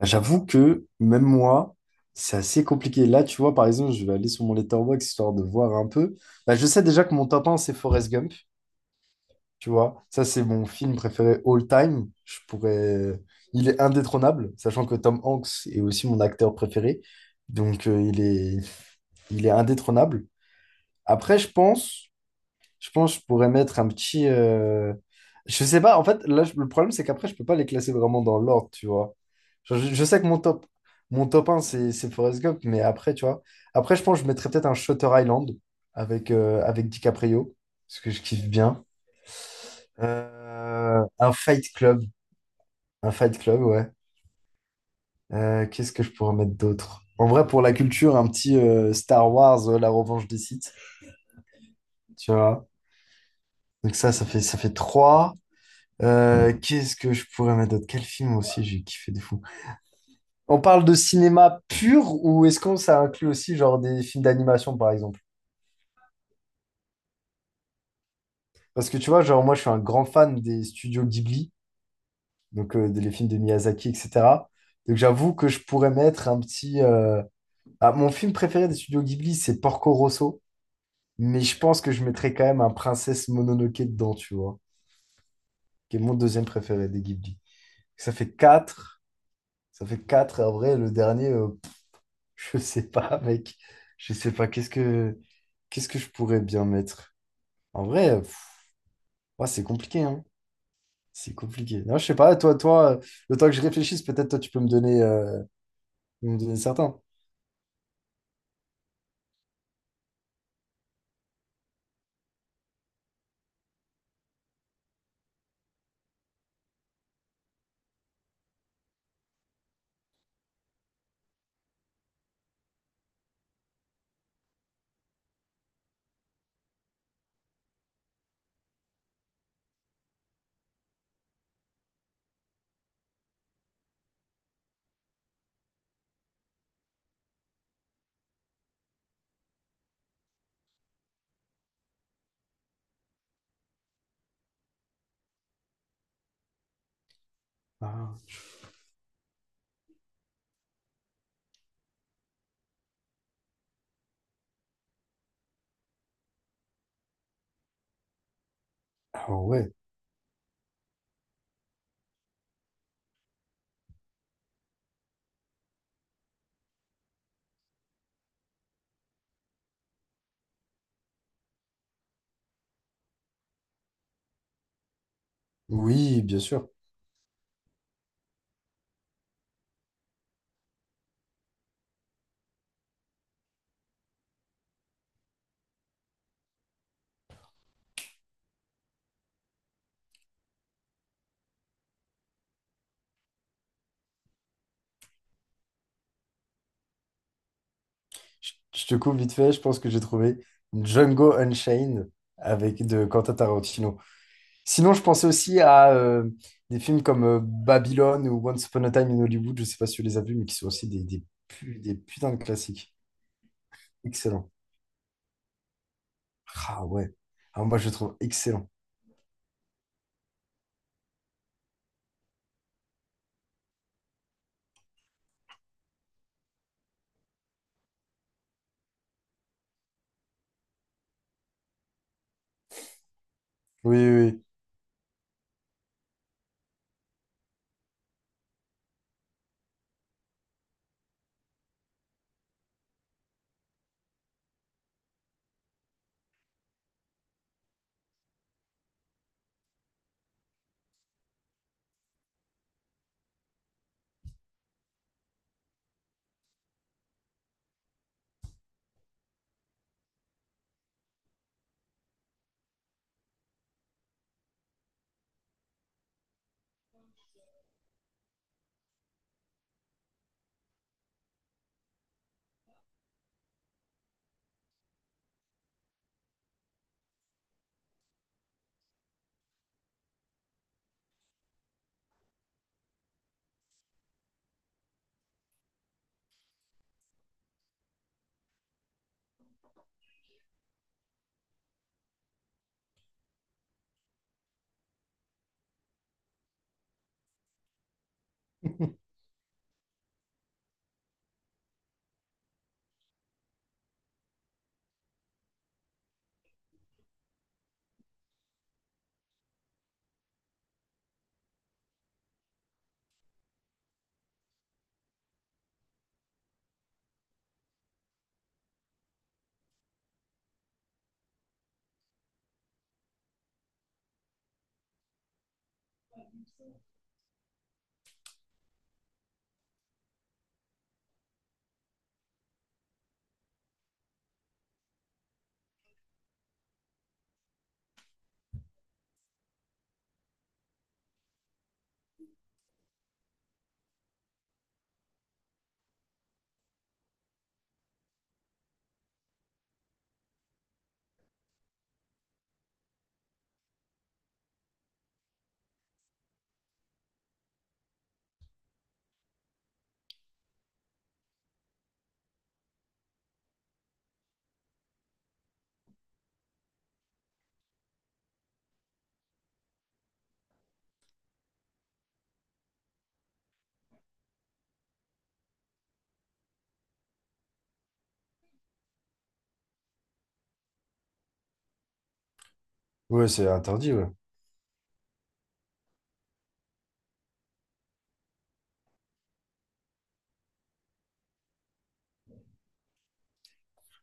J'avoue que même moi, c'est assez compliqué. Là, tu vois, par exemple, je vais aller sur mon Letterboxd histoire de voir un peu. Bah, je sais déjà que mon top 1, c'est Forrest Gump. Tu vois, ça, c'est mon film préféré all time. Je pourrais... Il est indétrônable, sachant que Tom Hanks est aussi mon acteur préféré. Donc, il est indétrônable. Après, je pense que je pourrais mettre un petit. Je sais pas, en fait, là, le problème, c'est qu'après, je peux pas les classer vraiment dans l'ordre, tu vois. Genre, je sais que mon top un c'est Forrest Gump, mais après, tu vois. Après, je pense que je mettrais peut-être un Shutter Island avec DiCaprio, parce que je kiffe bien. Un Fight Club. Un Fight Club, ouais. Qu'est-ce que je pourrais mettre d'autre? En vrai, pour la culture, un petit Star Wars, La Revanche des Sith, tu vois. Donc ça, ça fait 3. Qu'est-ce que je pourrais mettre d'autre? Quel film aussi j'ai kiffé de fou? On parle de cinéma pur ou est-ce qu'on ça inclut aussi genre des films d'animation par exemple? Parce que tu vois, genre moi je suis un grand fan des studios Ghibli, donc des les films de Miyazaki, etc. Donc j'avoue que je pourrais mettre un petit. Ah, mon film préféré des studios Ghibli, c'est Porco Rosso, mais je pense que je mettrais quand même un Princesse Mononoke dedans, tu vois, qui est mon deuxième préféré des Ghibli. Ça fait 4 Ça fait quatre. En vrai, le dernier, je sais pas, mec. Je sais pas. Qu'est-ce que je pourrais bien mettre? En vrai, pff, ouais, c'est compliqué, hein. C'est compliqué. Non, je sais pas, toi, le temps que je réfléchisse, peut-être toi tu peux me donner certains. Ah, ah ouais. Oui, bien sûr. Je te coupe vite fait, je pense que j'ai trouvé Django Unchained avec de Quentin Tarantino. Sinon, je pensais aussi à des films comme Babylone ou Once Upon a Time in Hollywood, je sais pas si tu les as vus, mais qui sont aussi des putains de classiques. Excellent. Ah ouais. Ah, moi, je le trouve excellent. Oui, oui, oui. Ouais, c'est interdit, ouais.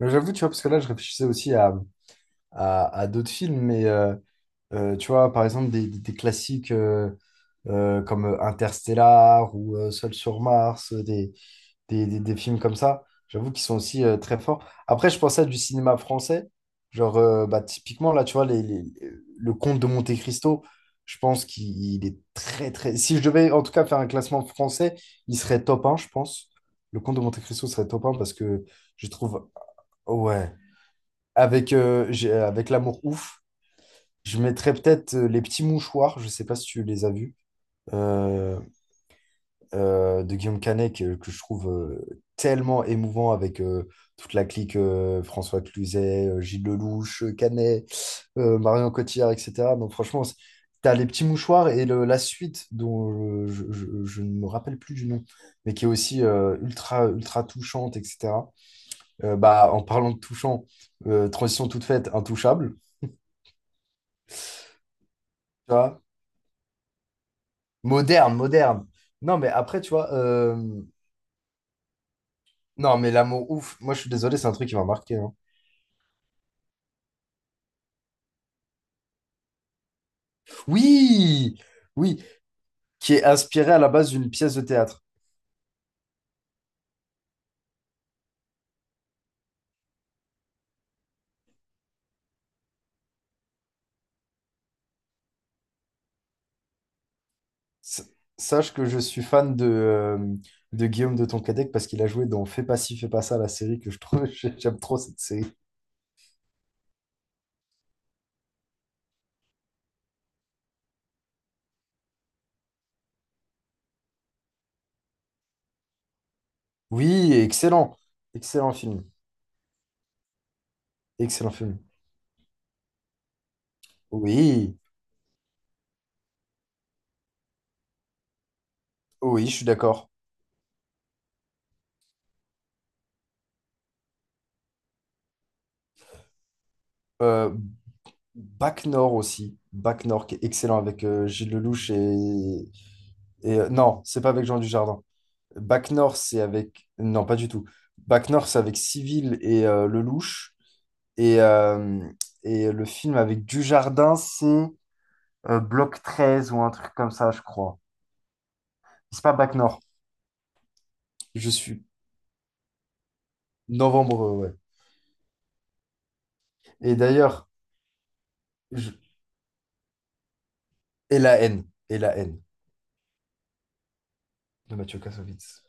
Mais j'avoue, tu vois, parce que là, je réfléchissais aussi à d'autres films, mais tu vois, par exemple, des classiques comme Interstellar ou Seul sur Mars, des films comme ça. J'avoue qu'ils sont aussi très forts. Après, je pensais à du cinéma français. Genre, bah, typiquement, là, tu vois, le Comte de Monte-Cristo, je pense qu'il est très, très. Si je devais en tout cas faire un classement français, il serait top un je pense. Le Comte de Monte-Cristo serait top un parce que je trouve. Ouais. Avec L'amour ouf, je mettrais peut-être Les Petits Mouchoirs. Je sais pas si tu les as vus. Euh, de Guillaume Canet que je trouve tellement émouvant avec toute la clique François Cluzet, Gilles Lelouch, Canet, Marion Cotillard, etc. Donc franchement, t'as les petits mouchoirs et la suite dont je ne me rappelle plus du nom, mais qui est aussi ultra, ultra touchante, etc. Bah, en parlant de touchant, transition toute faite, intouchable, tu vois, moderne, moderne. Non, mais après, tu vois, non, mais l'amour ouf, moi je suis désolé, c'est un truc qui m'a marqué, hein. Oui, oui, qui est inspiré à la base d'une pièce de théâtre. S- Sache que je suis fan de Guillaume de Tonquédec parce qu'il a joué dans Fais pas ci, fais pas ça, la série que je trouve, j'aime trop cette série. Oui, excellent, excellent film, excellent film. Oui, oui, je suis d'accord. Euh, Bac Nord aussi, Bac Nord qui est excellent avec Gilles Lelouch et, non, c'est pas avec Jean Dujardin. Bac Nord, c'est avec non, pas du tout. Bac Nord, c'est avec Civil et Lelouch. Et, le film avec Dujardin, c'est Bloc treize ou un truc comme ça, je crois. C'est pas Bac Nord. Je suis novembre, ouais. Et d'ailleurs, je- et la haine, et la haine de Mathieu Kassovitz.